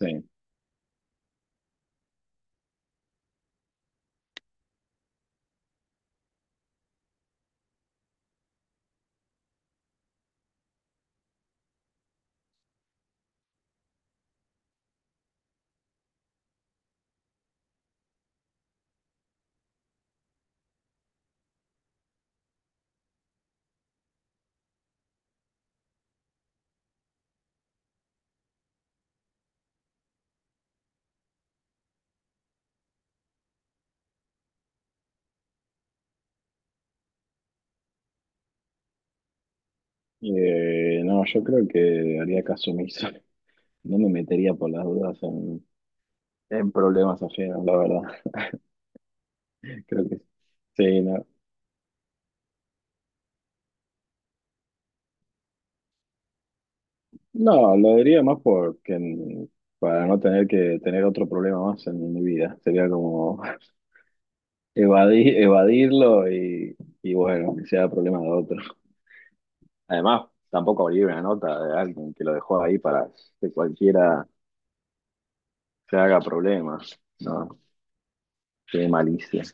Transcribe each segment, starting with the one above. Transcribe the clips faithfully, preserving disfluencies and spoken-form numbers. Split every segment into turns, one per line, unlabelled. Sí. Eh, no, yo creo que haría caso omiso. No me metería por las dudas en, en problemas ajenos, la verdad. Creo que sí, no. No, lo diría más porque en- para no tener que tener otro problema más en mi vida. Sería como evadir, evadirlo y, y bueno, que sea problema de otro. Además, tampoco abrir una nota de alguien que lo dejó ahí para que cualquiera se haga problemas. No, qué malicia.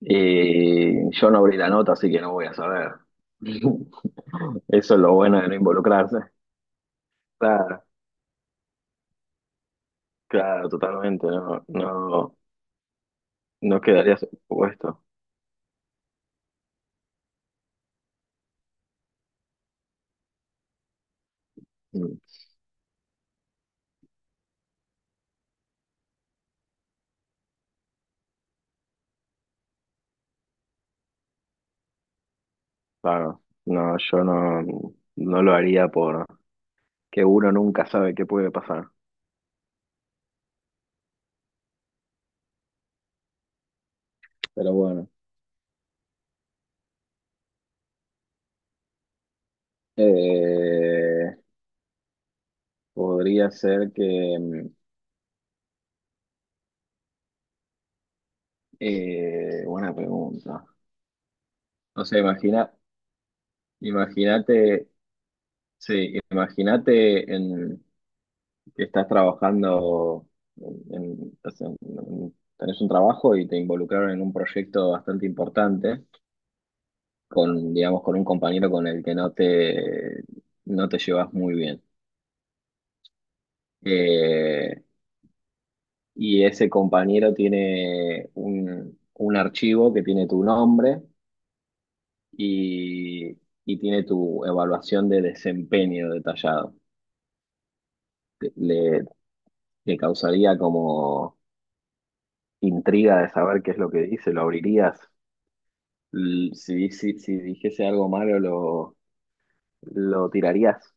Y yo no abrí la nota, así que no voy a saber. Eso es lo bueno de no involucrarse. Claro, claro, totalmente. No, no, no quedarías expuesto. Mm, claro. No, yo no, No lo haría por que uno nunca sabe qué puede pasar. Pero bueno. Eh, Podría ser que mm, eh, buena pregunta. No sé, imagina, imagínate, sí, imagínate en que estás trabajando, en, en- o sea, en- tenés un trabajo y te involucraron en un proyecto bastante importante con, digamos, con un compañero con el que no te, no te llevas muy bien. Eh, y ese compañero tiene un, un archivo que tiene tu nombre y, y tiene tu evaluación de desempeño detallado. Le, Le causaría como intriga de saber qué es lo que dice. ¿Lo abrirías? L- Si, si, si dijese algo malo, lo, lo tirarías.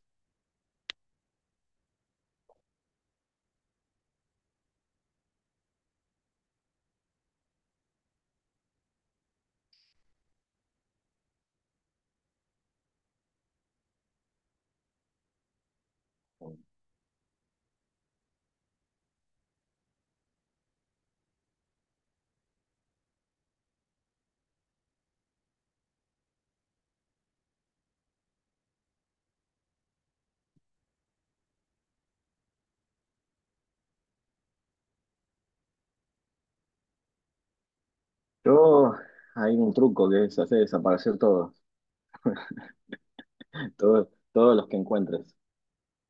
Yo, hay un truco que es hacer desaparecer todo. Todos, todos los que encuentres.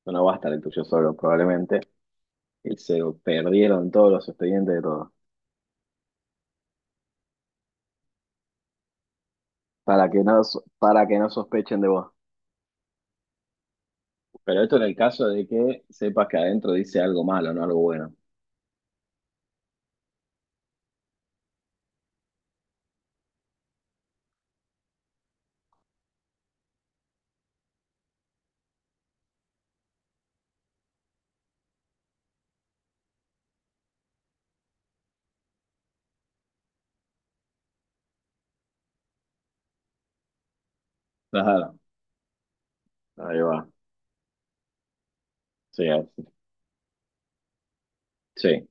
No va a estar el tuyo solo, probablemente. Y se perdieron todos los expedientes de todos. Para que no, so- para que no sospechen de vos. Pero esto en el caso de que sepas que adentro dice algo malo, no algo bueno. Claro. Ahí va. Sí, así. Sí.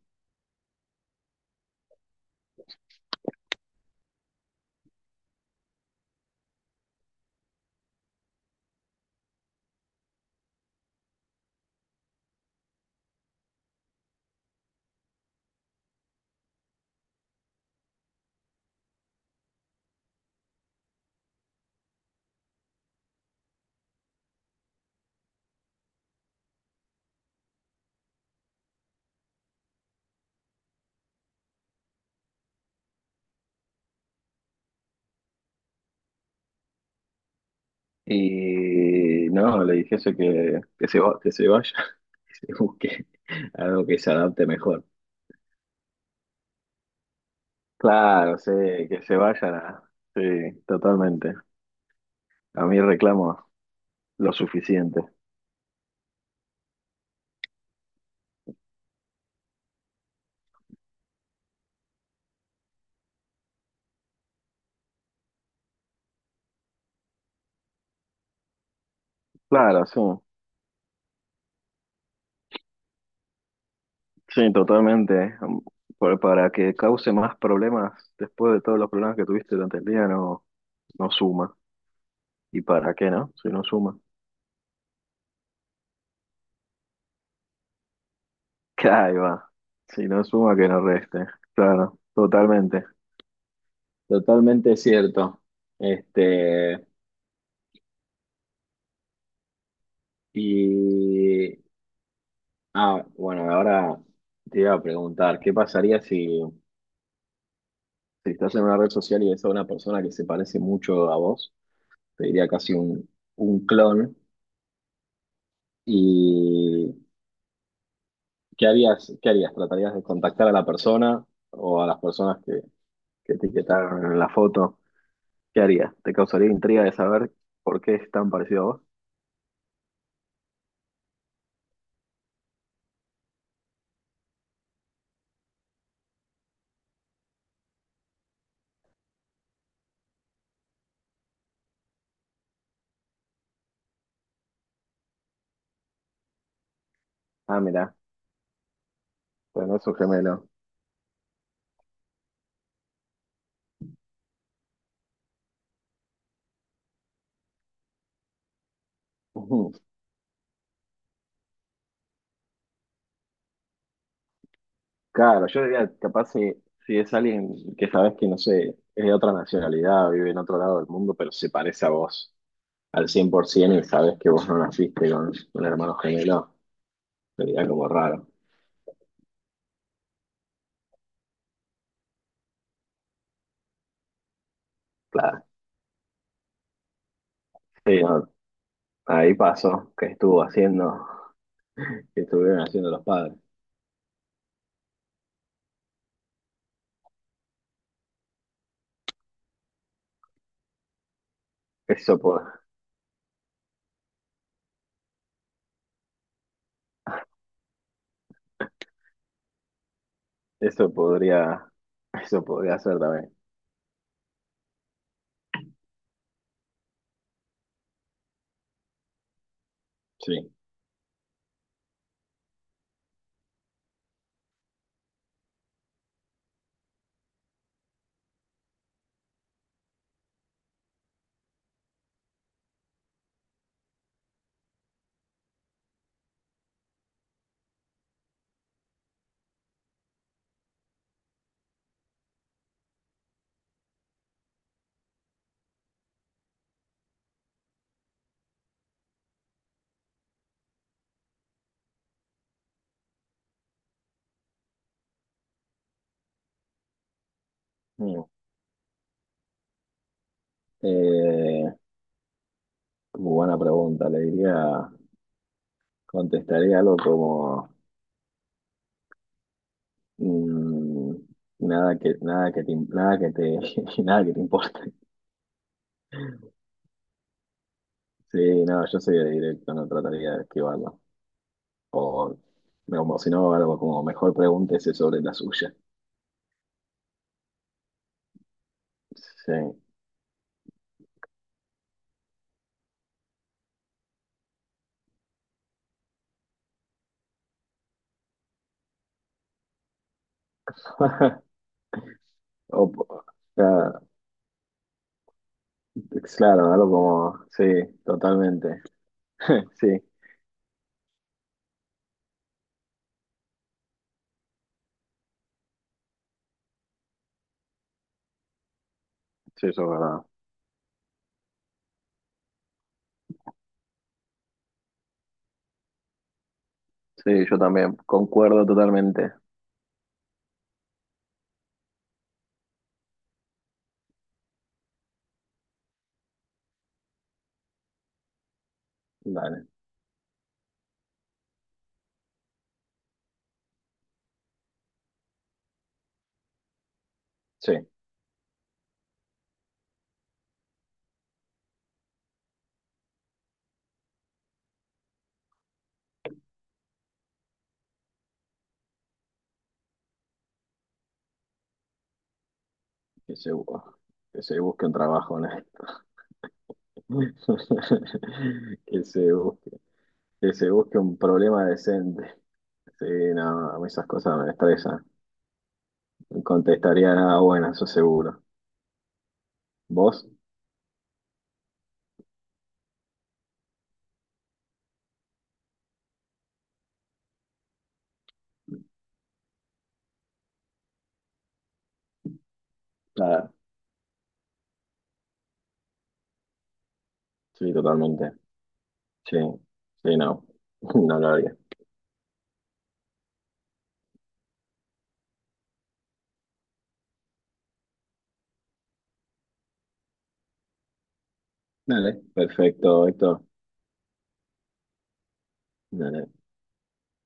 Y no, le dijese que, que se, va- que se vaya, que se busque algo que se adapte mejor. Claro, sí, que se vaya, sí, totalmente. A mí reclamo lo suficiente. Claro, sí, sí, totalmente. Por- para que cause más problemas después de todos los problemas que tuviste durante el día, no, no suma. ¿Y para qué no? Si no suma. Que ahí va. Si no suma, que no reste. Claro, totalmente. Totalmente cierto. Este, y ah, bueno, ahora te iba a preguntar, ¿qué pasaría si, si estás en una red social y ves a una persona que se parece mucho a vos? Te diría casi un, un clon. ¿Y qué harías? ¿Qué harías? ¿Tratarías de contactar a la persona o a las personas que, que te etiquetaron en la foto? ¿Qué harías? ¿Te causaría intriga de saber por qué es tan parecido a vos? Ah, mira, bueno, es un gemelo. Claro, yo diría, capaz si, si es alguien que sabes que, no sé, es de otra nacionalidad, vive en otro lado del mundo, pero se parece a vos al cien por ciento y sabes que vos no naciste con un hermano gemelo, sería como raro. Claro, sí, no, ahí pasó, que estuvo haciendo, que estuvieron haciendo los padres. Eso, po- Eso podría, eso podría ser también, sí. Mm. Eh, Buena pregunta, le diría, contestaría algo como... Mm, nada que, nada que te, nada que te, nada que te importe. Sí, no, yo soy de directo, no trataría de esquivarlo. O, o si no, algo como mejor pregúntese sobre la suya. Sí. O, claro, claro, algo como, sí, totalmente. Sí, sí, eso es verdad. Sí, yo también concuerdo totalmente. Dale, sí, que se, bu- que se busque un trabajo, ¿no? Que se Que se busque un problema decente. Sí, no, a mí esas cosas me estresan. No contestaría nada bueno, eso seguro. ¿Vos? Nada, sí, totalmente. Sí, sí, no. No lo haría. Dale, perfecto, esto.